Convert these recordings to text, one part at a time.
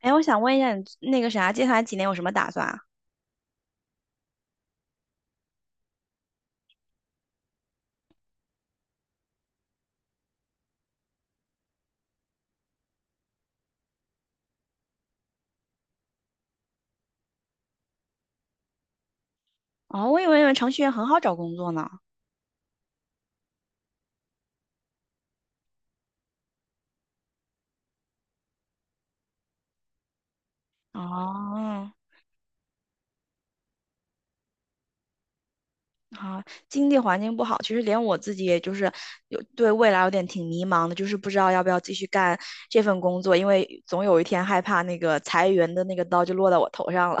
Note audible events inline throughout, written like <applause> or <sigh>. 哎，我想问一下你那个啥，接下来几年有什么打算啊？哦，我以为程序员很好找工作呢。哦，好，经济环境不好，其实连我自己也就是有对未来有点挺迷茫的，就是不知道要不要继续干这份工作，因为总有一天害怕那个裁员的那个刀就落到我头上了。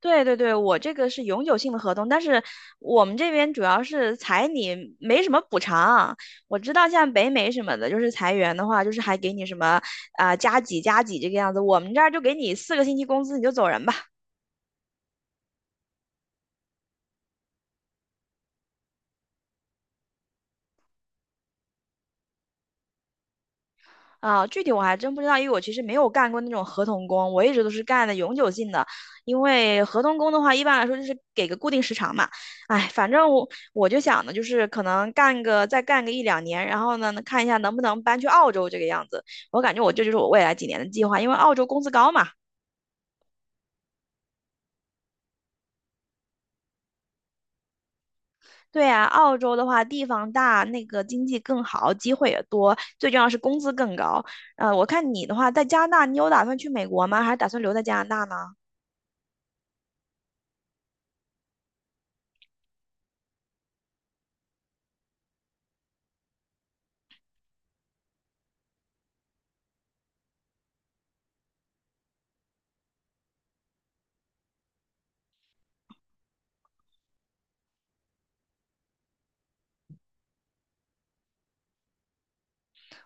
对对对，我这个是永久性的合同，但是我们这边主要是裁你，没什么补偿。我知道像北美什么的，就是裁员的话，就是还给你什么啊、加几加几这个样子。我们这儿就给你4个星期工资，你就走人吧。啊，具体我还真不知道，因为我其实没有干过那种合同工，我一直都是干的永久性的。因为合同工的话，一般来说就是给个固定时长嘛。哎，反正我就想的就是可能干个再干个一两年，然后呢看一下能不能搬去澳洲这个样子。我感觉我这就是我未来几年的计划，因为澳洲工资高嘛。对啊，澳洲的话地方大，那个经济更好，机会也多，最重要是工资更高。我看你的话在加拿大，你有打算去美国吗？还是打算留在加拿大呢？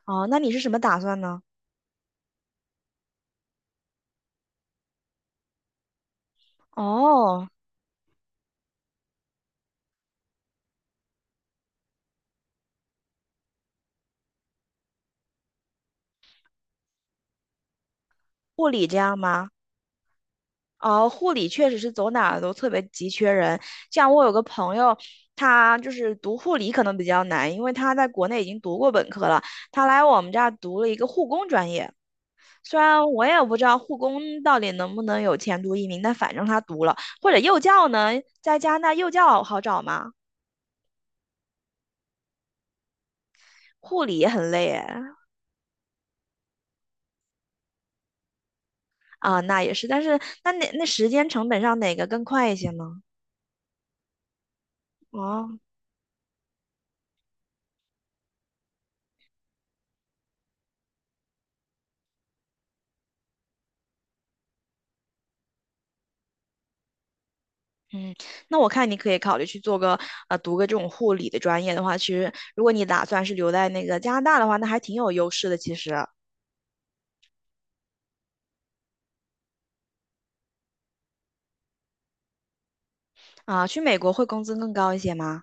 哦，那你是什么打算呢？哦，护理这样吗？哦，护理确实是走哪儿都特别急缺人。像我有个朋友，他就是读护理可能比较难，因为他在国内已经读过本科了，他来我们这儿读了一个护工专业。虽然我也不知道护工到底能不能有前途移民，但反正他读了。或者幼教呢，在加拿大幼教好找吗？护理也很累哎。啊，那也是，但是那哪那时间成本上哪个更快一些呢？哦。嗯，那我看你可以考虑去做个读个这种护理的专业的话，其实如果你打算是留在那个加拿大的话，那还挺有优势的。其实啊，去美国会工资更高一些吗？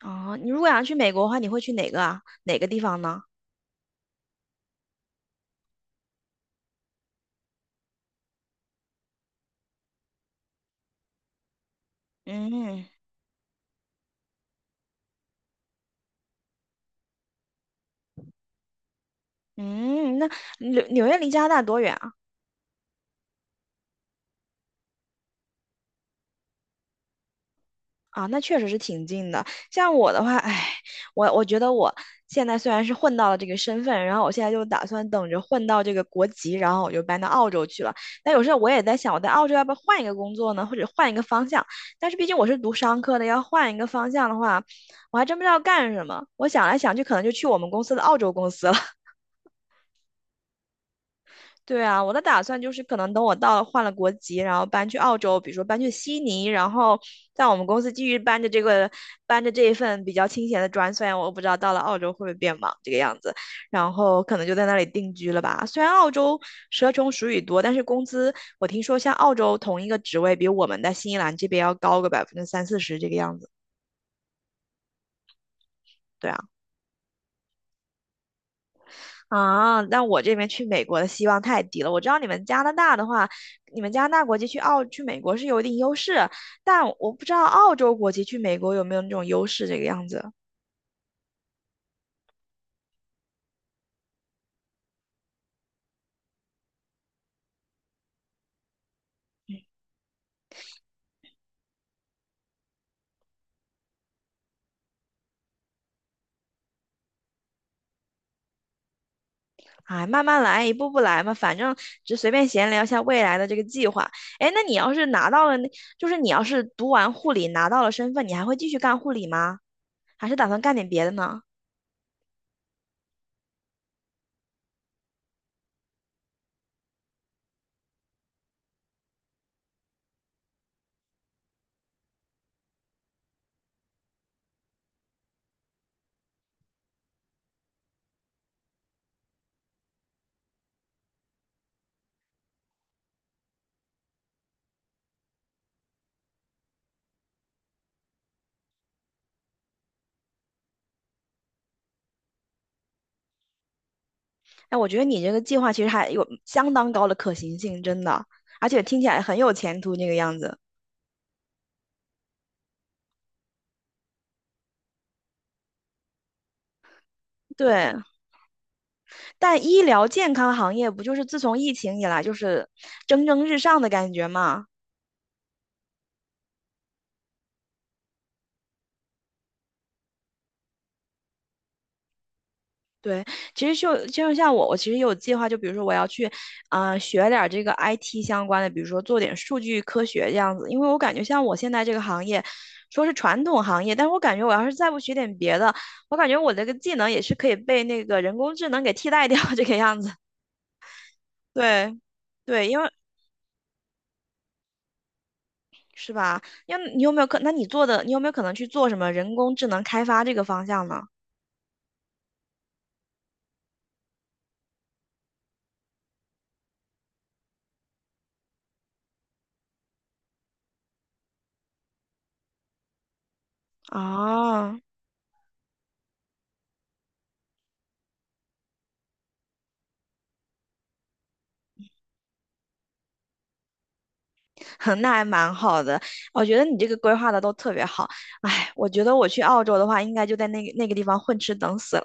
哦，你如果想去美国的话，你会去哪个啊？哪个地方呢？嗯嗯，那纽约离加拿大多远啊？啊，那确实是挺近的。像我的话，唉，我觉得我现在虽然是混到了这个身份，然后我现在就打算等着混到这个国籍，然后我就搬到澳洲去了。但有时候我也在想，我在澳洲要不要换一个工作呢，或者换一个方向？但是毕竟我是读商科的，要换一个方向的话，我还真不知道干什么。我想来想去，可能就去我们公司的澳洲公司了。对啊，我的打算就是可能等我到了换了国籍，然后搬去澳洲，比如说搬去悉尼，然后在我们公司继续搬着这一份比较清闲的砖，虽然我不知道到了澳洲会不会变忙这个样子，然后可能就在那里定居了吧。虽然澳洲蛇虫鼠蚁多，但是工资我听说像澳洲同一个职位比我们在新西兰这边要高个30%-40%这个样子。对啊。啊，那我这边去美国的希望太低了。我知道你们加拿大的话，你们加拿大国籍去美国是有一定优势，但我不知道澳洲国籍去美国有没有那种优势这个样子。哎，慢慢来，一步步来嘛，反正就随便闲聊一下未来的这个计划。哎，那你要是拿到了那，就是你要是读完护理拿到了身份，你还会继续干护理吗？还是打算干点别的呢？哎，我觉得你这个计划其实还有相当高的可行性，真的，而且听起来很有前途那个样子。对，但医疗健康行业不就是自从疫情以来就是蒸蒸日上的感觉吗？对，其实就像我，我其实有计划，就比如说我要去，啊、学点儿这个 IT 相关的，比如说做点数据科学这样子，因为我感觉像我现在这个行业，说是传统行业，但是我感觉我要是再不学点别的，我感觉我这个技能也是可以被那个人工智能给替代掉 <laughs> 这个样子。对对，因为是吧？因为你有没有可？那你做的，你有没有可能去做什么人工智能开发这个方向呢？哦，<laughs> 那还蛮好的。我觉得你这个规划的都特别好。哎，我觉得我去澳洲的话，应该就在那个地方混吃等死，了。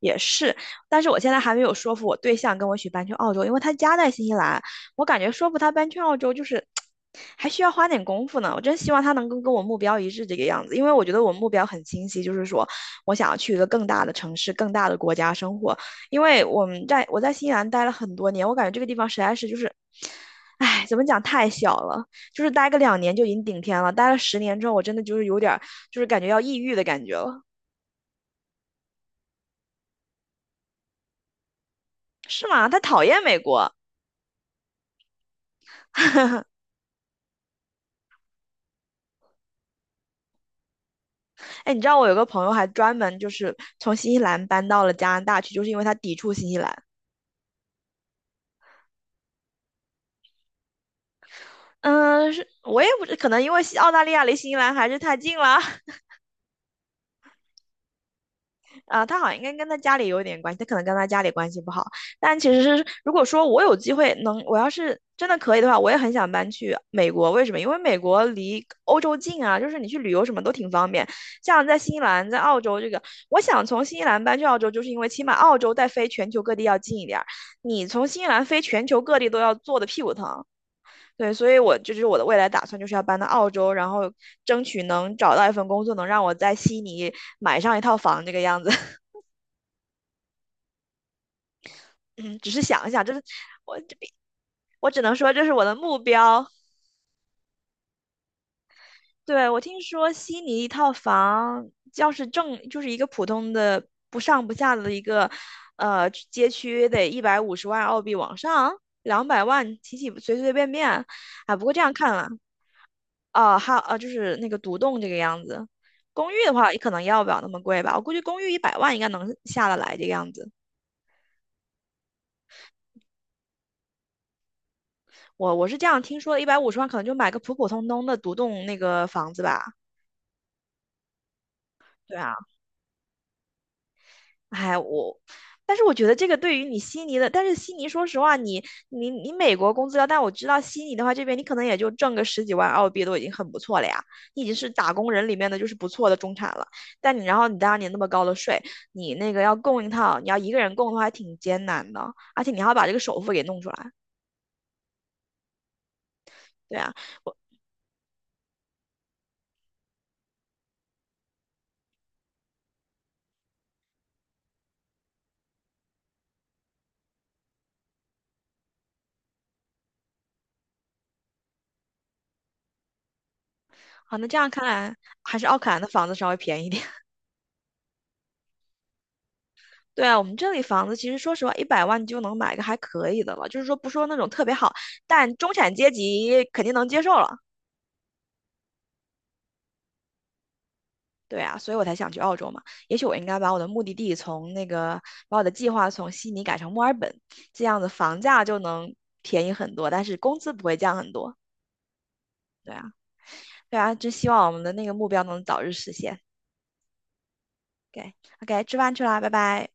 也是，但是我现在还没有说服我对象跟我一起搬去澳洲，因为他家在新西兰，我感觉说服他搬去澳洲就是还需要花点功夫呢。我真希望他能够跟我目标一致这个样子，因为我觉得我目标很清晰，就是说我想要去一个更大的城市、更大的国家生活。因为我们在我在新西兰待了很多年，我感觉这个地方实在是就是，唉，怎么讲太小了，就是待个两年就已经顶天了，待了10年之后，我真的就是有点儿就是感觉要抑郁的感觉了。是吗？他讨厌美国。<laughs> 哎，你知道我有个朋友还专门就是从新西兰搬到了加拿大去，就是因为他抵触新西兰。嗯，是我也不知，可能因为西澳大利亚离新西兰还是太近了。<laughs> 啊，他好像应该跟他家里有点关系，他可能跟他家里关系不好。但其实是，如果说我有机会能，我要是真的可以的话，我也很想搬去美国。为什么？因为美国离欧洲近啊，就是你去旅游什么都挺方便。像在新西兰、在澳洲这个，我想从新西兰搬去澳洲，就是因为起码澳洲再飞全球各地要近一点儿，你从新西兰飞全球各地都要坐的屁股疼。对，所以我这就是我的未来打算，就是要搬到澳洲，然后争取能找到一份工作，能让我在悉尼买上一套房这个样子。嗯，只是想一想，这是我这边，我只能说这是我的目标。对，我听说悉尼一套房，要是正就是一个普通的不上不下的一个街区，得一百五十万澳币往上，200万起随随便便。啊，不过这样看了，啊，还有啊，就是那个独栋这个样子。公寓的话，也可能要不了那么贵吧。我估计公寓一百万应该能下得来这个样子。我是这样听说的，一百五十万可能就买个普普通通的独栋那个房子吧。对啊，哎，我，但是我觉得这个对于你悉尼的，但是悉尼说实话，你美国工资高，但我知道悉尼的话，这边你可能也就挣个十几万澳币都已经很不错了呀，你已经是打工人里面的就是不错的中产了。但你然后你当年那么高的税，你那个要供一套，你要一个人供的话还挺艰难的，而且你还要把这个首付给弄出来。对啊，我好，那这样看来还是奥克兰的房子稍微便宜一点。对啊，我们这里房子其实说实话，一百万就能买个还可以的了，就是说不说那种特别好，但中产阶级肯定能接受了。对啊，所以我才想去澳洲嘛。也许我应该把我的目的地从那个，把我的计划从悉尼改成墨尔本，这样子房价就能便宜很多，但是工资不会降很多。对啊，对啊，真希望我们的那个目标能早日实现。OK，OK，吃饭去啦，拜拜。